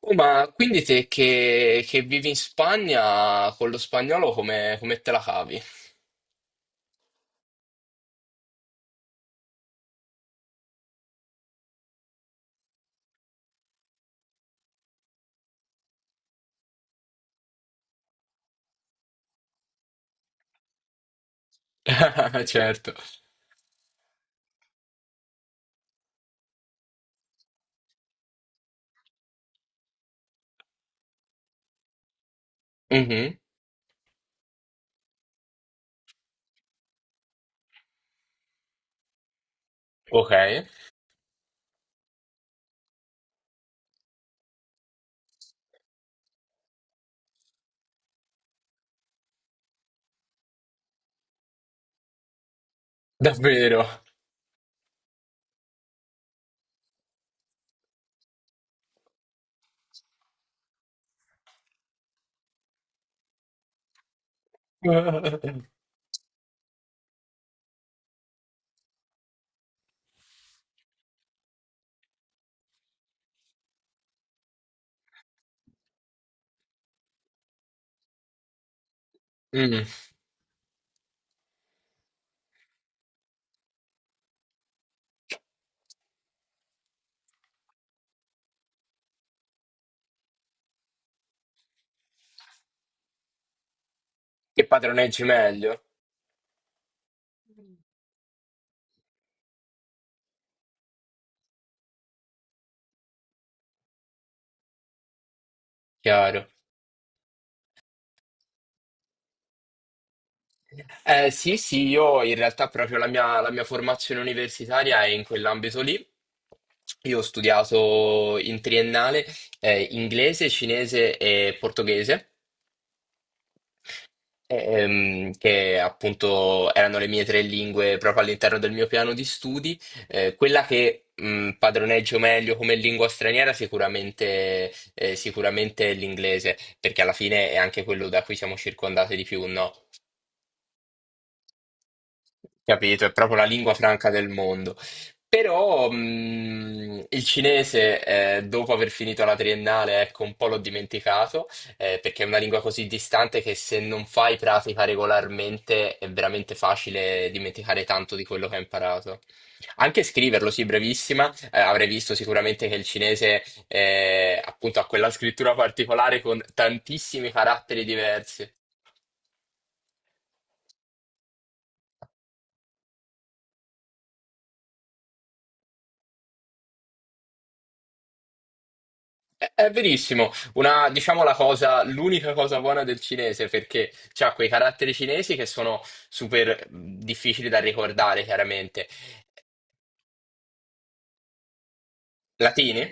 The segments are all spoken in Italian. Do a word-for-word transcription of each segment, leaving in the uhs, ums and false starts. Oh, ma quindi te che, che vivi in Spagna con lo spagnolo come, come te la cavi? Certo. Mhm. Ok, davvero. Mm. Che padroneggi meglio. Chiaro. Eh, sì, sì, io in realtà proprio la mia, la mia formazione universitaria è in quell'ambito lì. Io ho studiato in triennale eh, inglese, cinese e portoghese. Ehm, che appunto erano le mie tre lingue proprio all'interno del mio piano di studi. Eh, quella che mh, padroneggio meglio come lingua straniera sicuramente, eh, sicuramente è l'inglese, perché alla fine è anche quello da cui siamo circondati di più, no? Capito, è proprio la lingua franca del mondo. Però mh, il cinese, eh, dopo aver finito la triennale, ecco, un po' l'ho dimenticato, eh, perché è una lingua così distante che se non fai pratica regolarmente è veramente facile dimenticare tanto di quello che hai imparato. Anche scriverlo, sì, brevissima, eh, avrei visto sicuramente che il cinese, eh, appunto, ha quella scrittura particolare con tantissimi caratteri diversi. È verissimo, una, diciamo la cosa, l'unica cosa buona del cinese perché ha quei caratteri cinesi che sono super difficili da ricordare chiaramente, latini.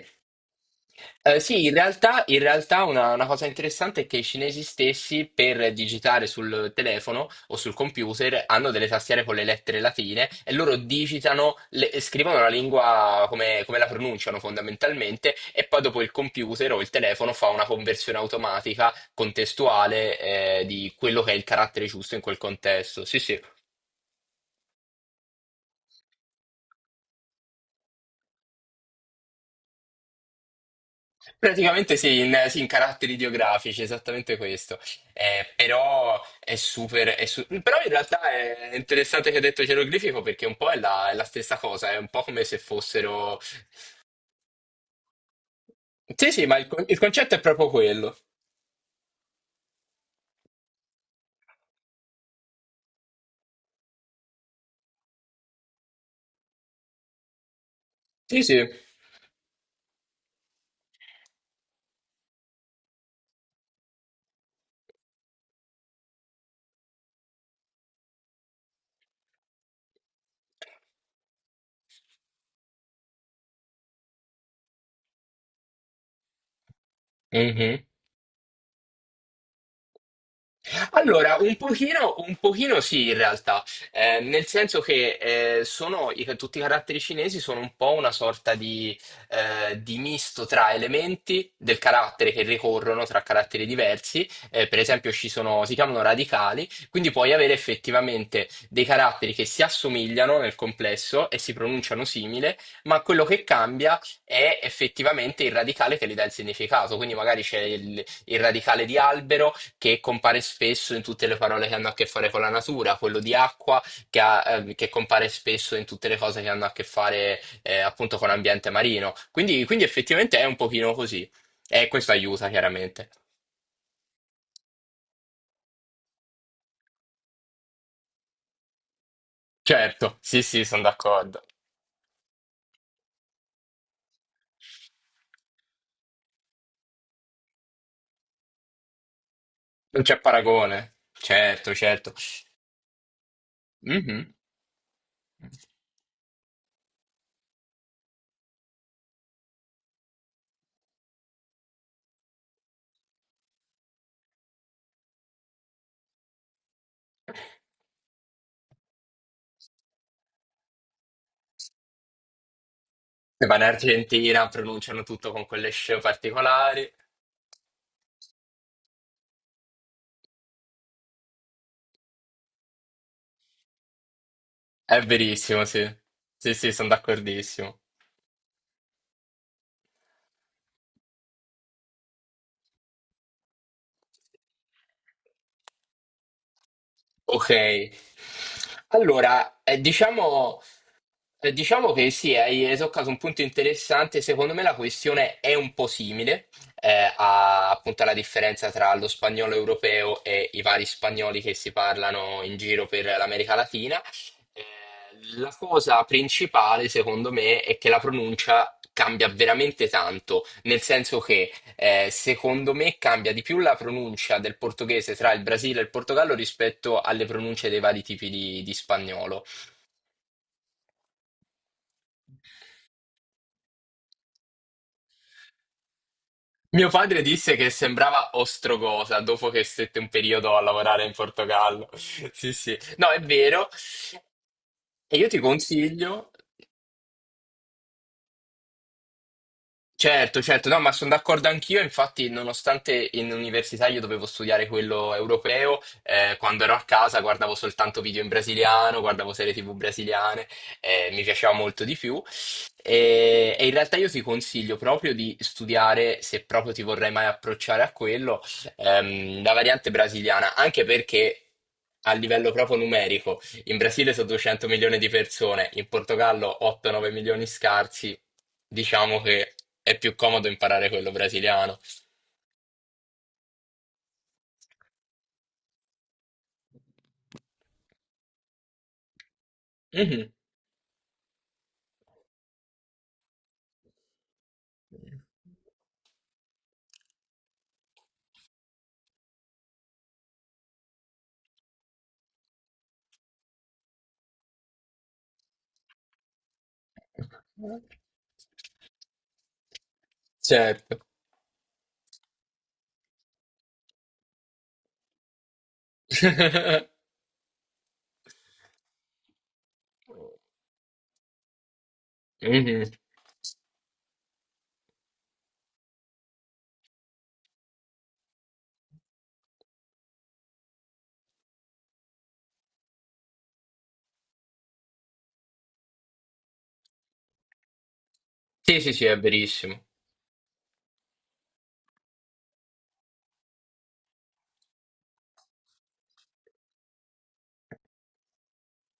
Eh, sì, in realtà, in realtà una, una cosa interessante è che i cinesi stessi per digitare sul telefono o sul computer hanno delle tastiere con le lettere latine e loro digitano, le- scrivono la lingua come, come la pronunciano fondamentalmente e poi dopo il computer o il telefono fa una conversione automatica, contestuale, eh, di quello che è il carattere giusto in quel contesto. Sì, sì. Praticamente sì, in, sì, in caratteri ideografici, esattamente questo. Eh, però è super. È su- Però in realtà è interessante che hai detto geroglifico perché un po' è la, è la stessa cosa, è un po' come se fossero. Sì, sì, ma il, con- il concetto è proprio quello. Sì, sì. Mhm. Allora, un pochino, un pochino sì, in realtà. Eh, nel senso che eh, sono, i- tutti i caratteri cinesi sono un po' una sorta di, eh, di misto tra elementi del carattere che ricorrono tra caratteri diversi. Eh, per esempio ci sono, si chiamano radicali, quindi puoi avere effettivamente dei caratteri che si assomigliano nel complesso e si pronunciano simile, ma quello che cambia è effettivamente il radicale che gli dà il significato, quindi magari c'è il il radicale di albero che compare spesso in tutte le parole che hanno a che fare con la natura, quello di acqua che, ha, ehm, che compare spesso in tutte le cose che hanno a che fare eh, appunto con l'ambiente marino. Quindi, quindi effettivamente è un pochino così. E questo aiuta chiaramente. Certo, sì, sì, sono d'accordo. Non c'è paragone. Certo, certo. Mhm. Se vanno in Argentina, pronunciano tutto con quelle sce particolari. È verissimo, sì. Sì, sì, sono d'accordissimo. Ok, allora eh, diciamo. Eh, Diciamo che sì, hai hai toccato un punto interessante. Secondo me la questione è un po' simile eh, a, appunto alla differenza tra lo spagnolo europeo e i vari spagnoli che si parlano in giro per l'America Latina. Eh, la cosa principale, secondo me, è che la pronuncia cambia veramente tanto, nel senso che eh, secondo me cambia di più la pronuncia del portoghese tra il Brasile e il Portogallo rispetto alle pronunce dei vari tipi di di spagnolo. Mio padre disse che sembrava Ostrogosa dopo che stette un periodo a lavorare in Portogallo. Sì, sì. No, è vero. E io ti consiglio. Certo, certo, no, ma sono d'accordo anch'io, infatti nonostante in università io dovevo studiare quello europeo, eh, quando ero a casa guardavo soltanto video in brasiliano, guardavo serie T V brasiliane, eh, mi piaceva molto di più e, e in realtà io ti consiglio proprio di studiare, se proprio ti vorrai mai approcciare a quello, ehm, la variante brasiliana, anche perché a livello proprio numerico in Brasile sono duecento milioni di persone, in Portogallo otto nove milioni scarsi. Diciamo che è più comodo imparare quello brasiliano. Mhm. Certo. Mhm. Sì, sì, sì, è verissimo.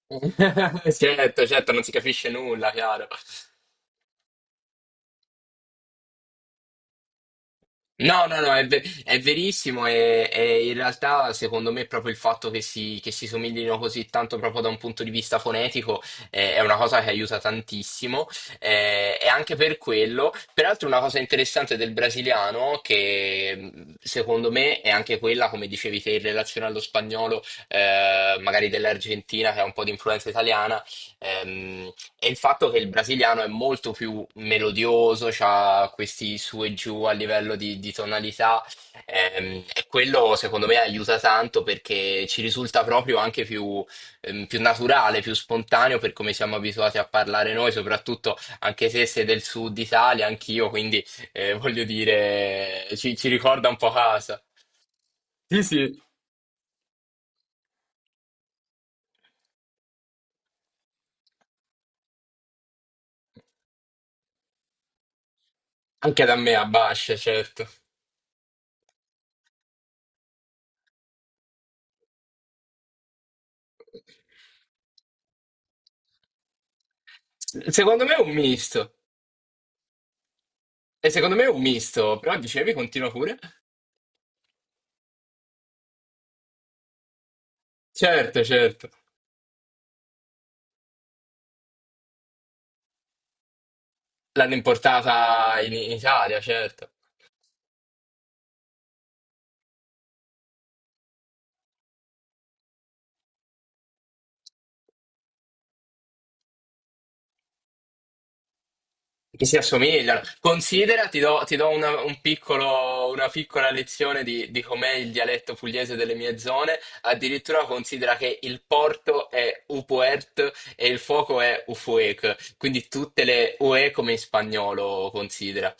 Certo, certo, non si capisce nulla, chiaro. No, no, no, è, ve- è verissimo e, e in realtà secondo me proprio il fatto che si, che si somiglino così tanto proprio da un punto di vista fonetico eh, è una cosa che aiuta tantissimo, eh, e anche per quello, peraltro una cosa interessante del brasiliano che mh, secondo me è anche quella, come dicevi te, in relazione allo spagnolo, eh, magari dell'Argentina che ha un po' di influenza italiana, ehm, e il fatto che il brasiliano è molto più melodioso, ha questi su e giù a livello di, di tonalità, ehm, e quello secondo me aiuta tanto perché ci risulta proprio anche più, ehm, più naturale, più spontaneo per come siamo abituati a parlare noi, soprattutto anche se sei del sud Italia, anch'io, quindi eh, voglio dire, ci, ci ricorda un po' casa. Anche da me a Bascia, certo. S- Secondo me è un misto, e secondo me è un misto, però dicevi, continua pure. Certo, certo. L'hanno importata in, in Italia, certo. Che si assomigliano. Considera, ti do, ti do una, un piccolo- una piccola lezione di, di com'è il dialetto pugliese delle mie zone. Addirittura considera che il porto è upuert e il fuoco è ufuec. Quindi tutte le ue come in spagnolo, considera.